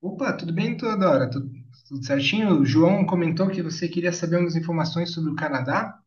Opa, tudo bem, Teodora? Tudo certinho? O João comentou que você queria saber umas informações sobre o Canadá.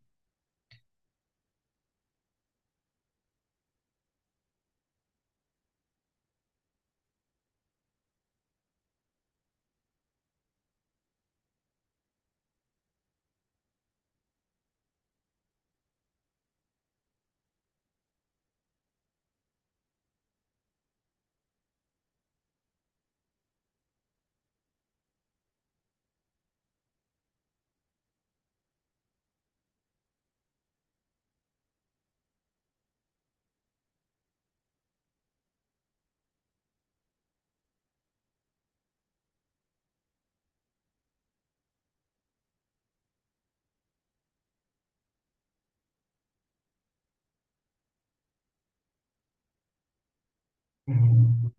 Uhum.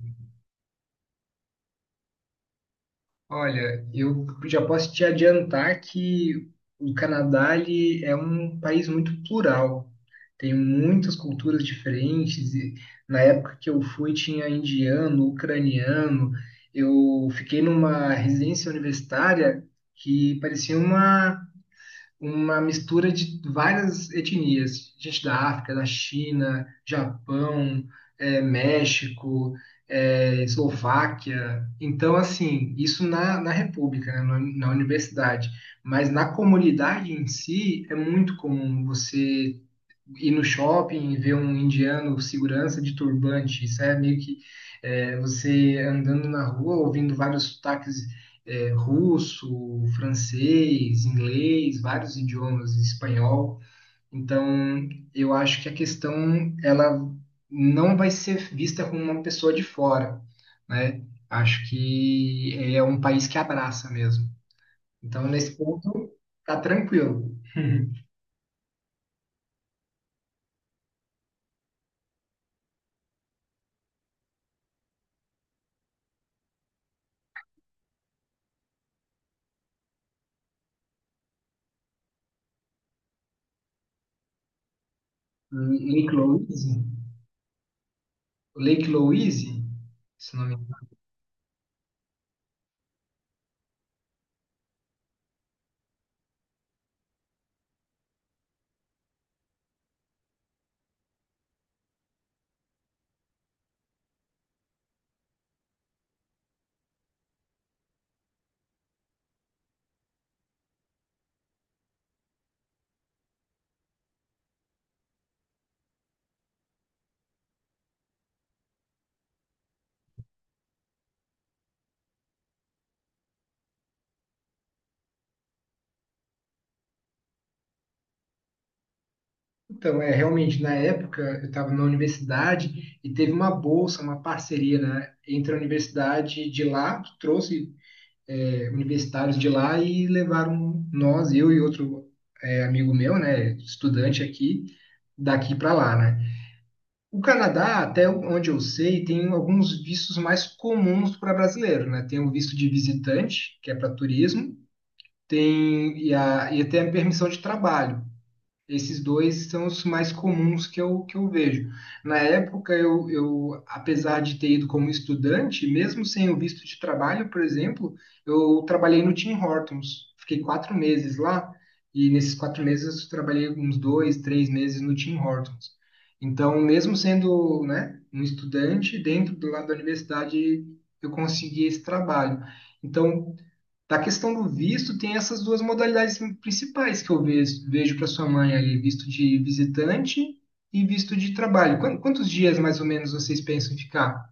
Olha, eu já posso te adiantar que o Canadá ele é um país muito plural. Tem muitas culturas diferentes. E na época que eu fui, tinha indiano, ucraniano. Eu fiquei numa residência universitária que parecia uma mistura de várias etnias, gente da África, da China, Japão, México, Eslováquia. Então, assim, isso na República, né, na, na universidade. Mas na comunidade em si, é muito comum você ir no shopping e ver um indiano segurança de turbante. Isso é meio que é, você andando na rua, ouvindo vários sotaques é, russo, francês, inglês, vários idiomas, espanhol. Então, eu acho que a questão ela não vai ser vista como uma pessoa de fora, né? Acho que é um país que abraça mesmo. Então, nesse ponto, tá tranquilo. Inclusive, Lake Louise, se não me engano. Então, é, realmente, na época, eu estava na universidade e teve uma bolsa, uma parceria, né, entre a universidade de lá, que trouxe universitários de lá e levaram nós, eu e outro amigo meu, né, estudante aqui, daqui para lá, né? O Canadá, até onde eu sei, tem alguns vistos mais comuns para brasileiro, né? Tem o visto de visitante, que é para turismo, tem e, a, e até a permissão de trabalho. Esses dois são os mais comuns que eu vejo. Na época, apesar de ter ido como estudante, mesmo sem o visto de trabalho, por exemplo, eu trabalhei no Tim Hortons. Fiquei quatro meses lá, e nesses quatro meses eu trabalhei uns dois, três meses no Tim Hortons. Então, mesmo sendo, né, um estudante, dentro do lado da universidade, eu consegui esse trabalho. Então, da questão do visto, tem essas duas modalidades principais que eu vejo para sua mãe ali, visto de visitante e visto de trabalho. Quantos dias mais ou menos vocês pensam em ficar?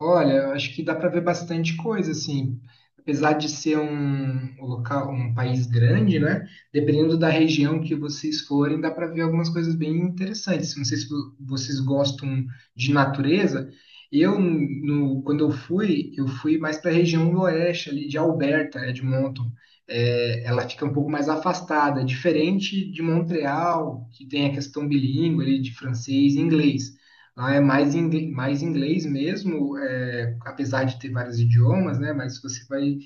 Olha, eu acho que dá para ver bastante coisa, assim. Apesar de ser um local, um país grande, né? Dependendo da região que vocês forem, dá para ver algumas coisas bem interessantes. Não sei se vocês gostam de natureza. Eu, no- Quando eu fui mais para a região do oeste, ali de Alberta, Edmonton. É, ela fica um pouco mais afastada, diferente de Montreal, que tem a questão bilíngue ali de francês e inglês. Lá é mais inglês mesmo, é, apesar de ter vários idiomas, né? Mas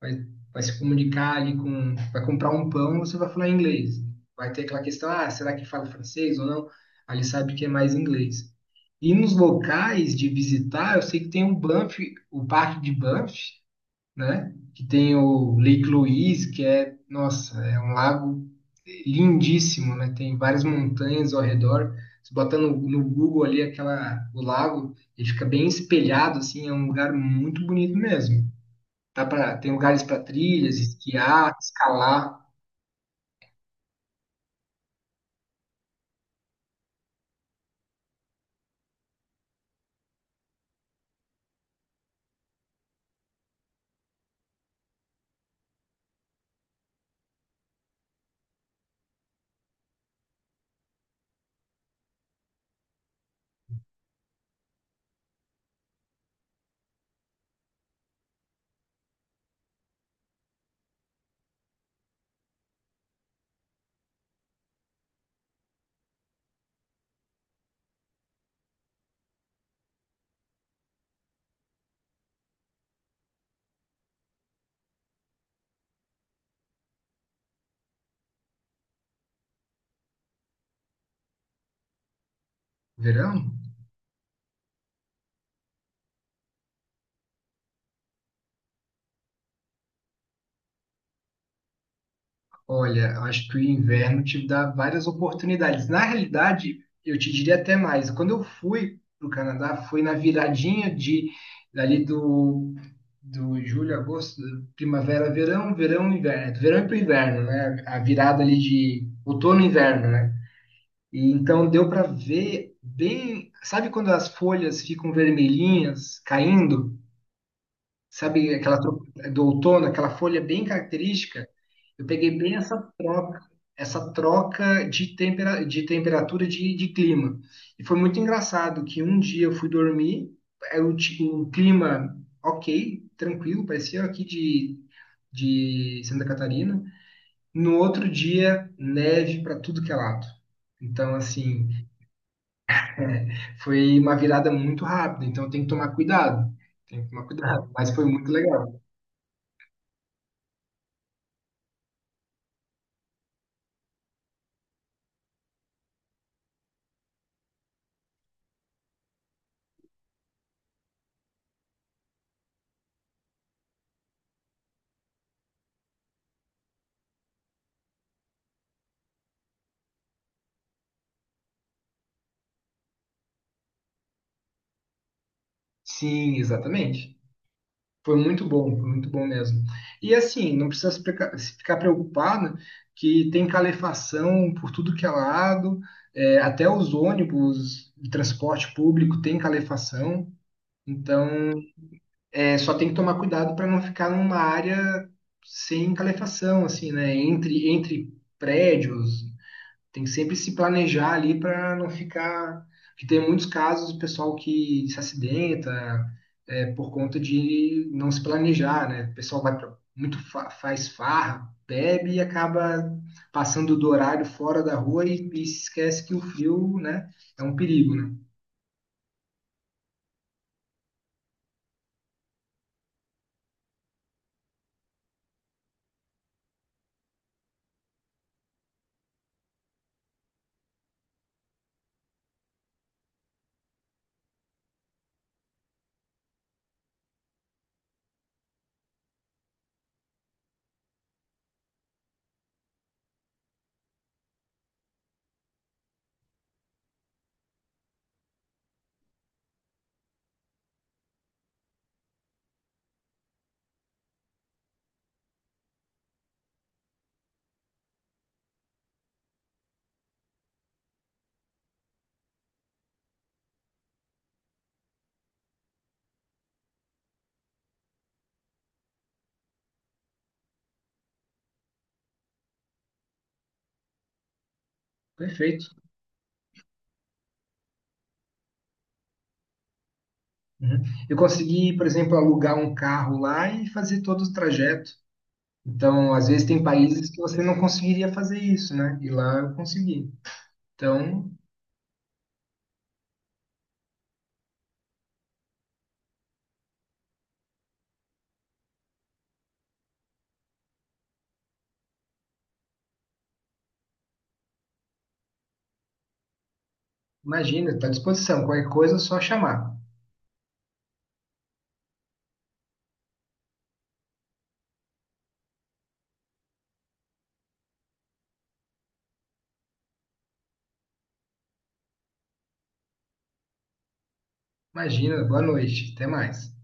vai, vai se comunicar ali com, vai comprar um pão, você vai falar inglês. Vai ter aquela questão, ah, será que fala francês ou não? Ali sabe que é mais inglês. E nos locais de visitar, eu sei que tem o Banff, o Parque de Banff, né? Que tem o Lake Louise, que é, nossa, é um lago lindíssimo, né? Tem várias montanhas ao redor. Você bota no Google ali aquela, o lago, ele fica bem espelhado, assim, é um lugar muito bonito mesmo. Dá pra, tem lugares para trilhas, esquiar, escalar. Verão? Olha, acho que o inverno te dá várias oportunidades. Na realidade, eu te diria até mais. Quando eu fui para o Canadá, foi na viradinha de dali do, do julho, agosto, primavera, verão, verão, inverno, do verão para o inverno, né? A virada ali de outono e inverno, né? E então deu para ver bem, sabe quando as folhas ficam vermelhinhas caindo? Sabe aquela do outono, aquela folha bem característica? Eu peguei bem essa troca de temperatura de clima. E foi muito engraçado que um dia eu fui dormir, o clima ok, tranquilo, parecia aqui de Santa Catarina. No outro dia, neve para tudo que é lado. Então, assim, foi uma virada muito rápida, então tem que tomar cuidado. Tem que tomar cuidado, mas foi muito legal. Sim, exatamente. Foi muito bom mesmo. E assim, não precisa se ficar preocupado que tem calefação por tudo que é lado, é, até os ônibus de transporte público tem calefação. Então, é, só tem que tomar cuidado para não ficar numa área sem calefação, assim, né? Entre prédios, tem que sempre se planejar ali para não ficar. Porque tem muitos casos do pessoal que se acidenta é, por conta de não se planejar, né? O pessoal vai pra, muito faz farra, bebe e acaba passando do horário fora da rua e se esquece que o frio, né, é um perigo, né? Perfeito. Uhum. Eu consegui, por exemplo, alugar um carro lá e fazer todo o trajeto. Então, às vezes tem países que você não conseguiria fazer isso, né? E lá eu consegui. Então, imagina, está à disposição. Qualquer coisa é só chamar. Imagina, boa noite. Até mais.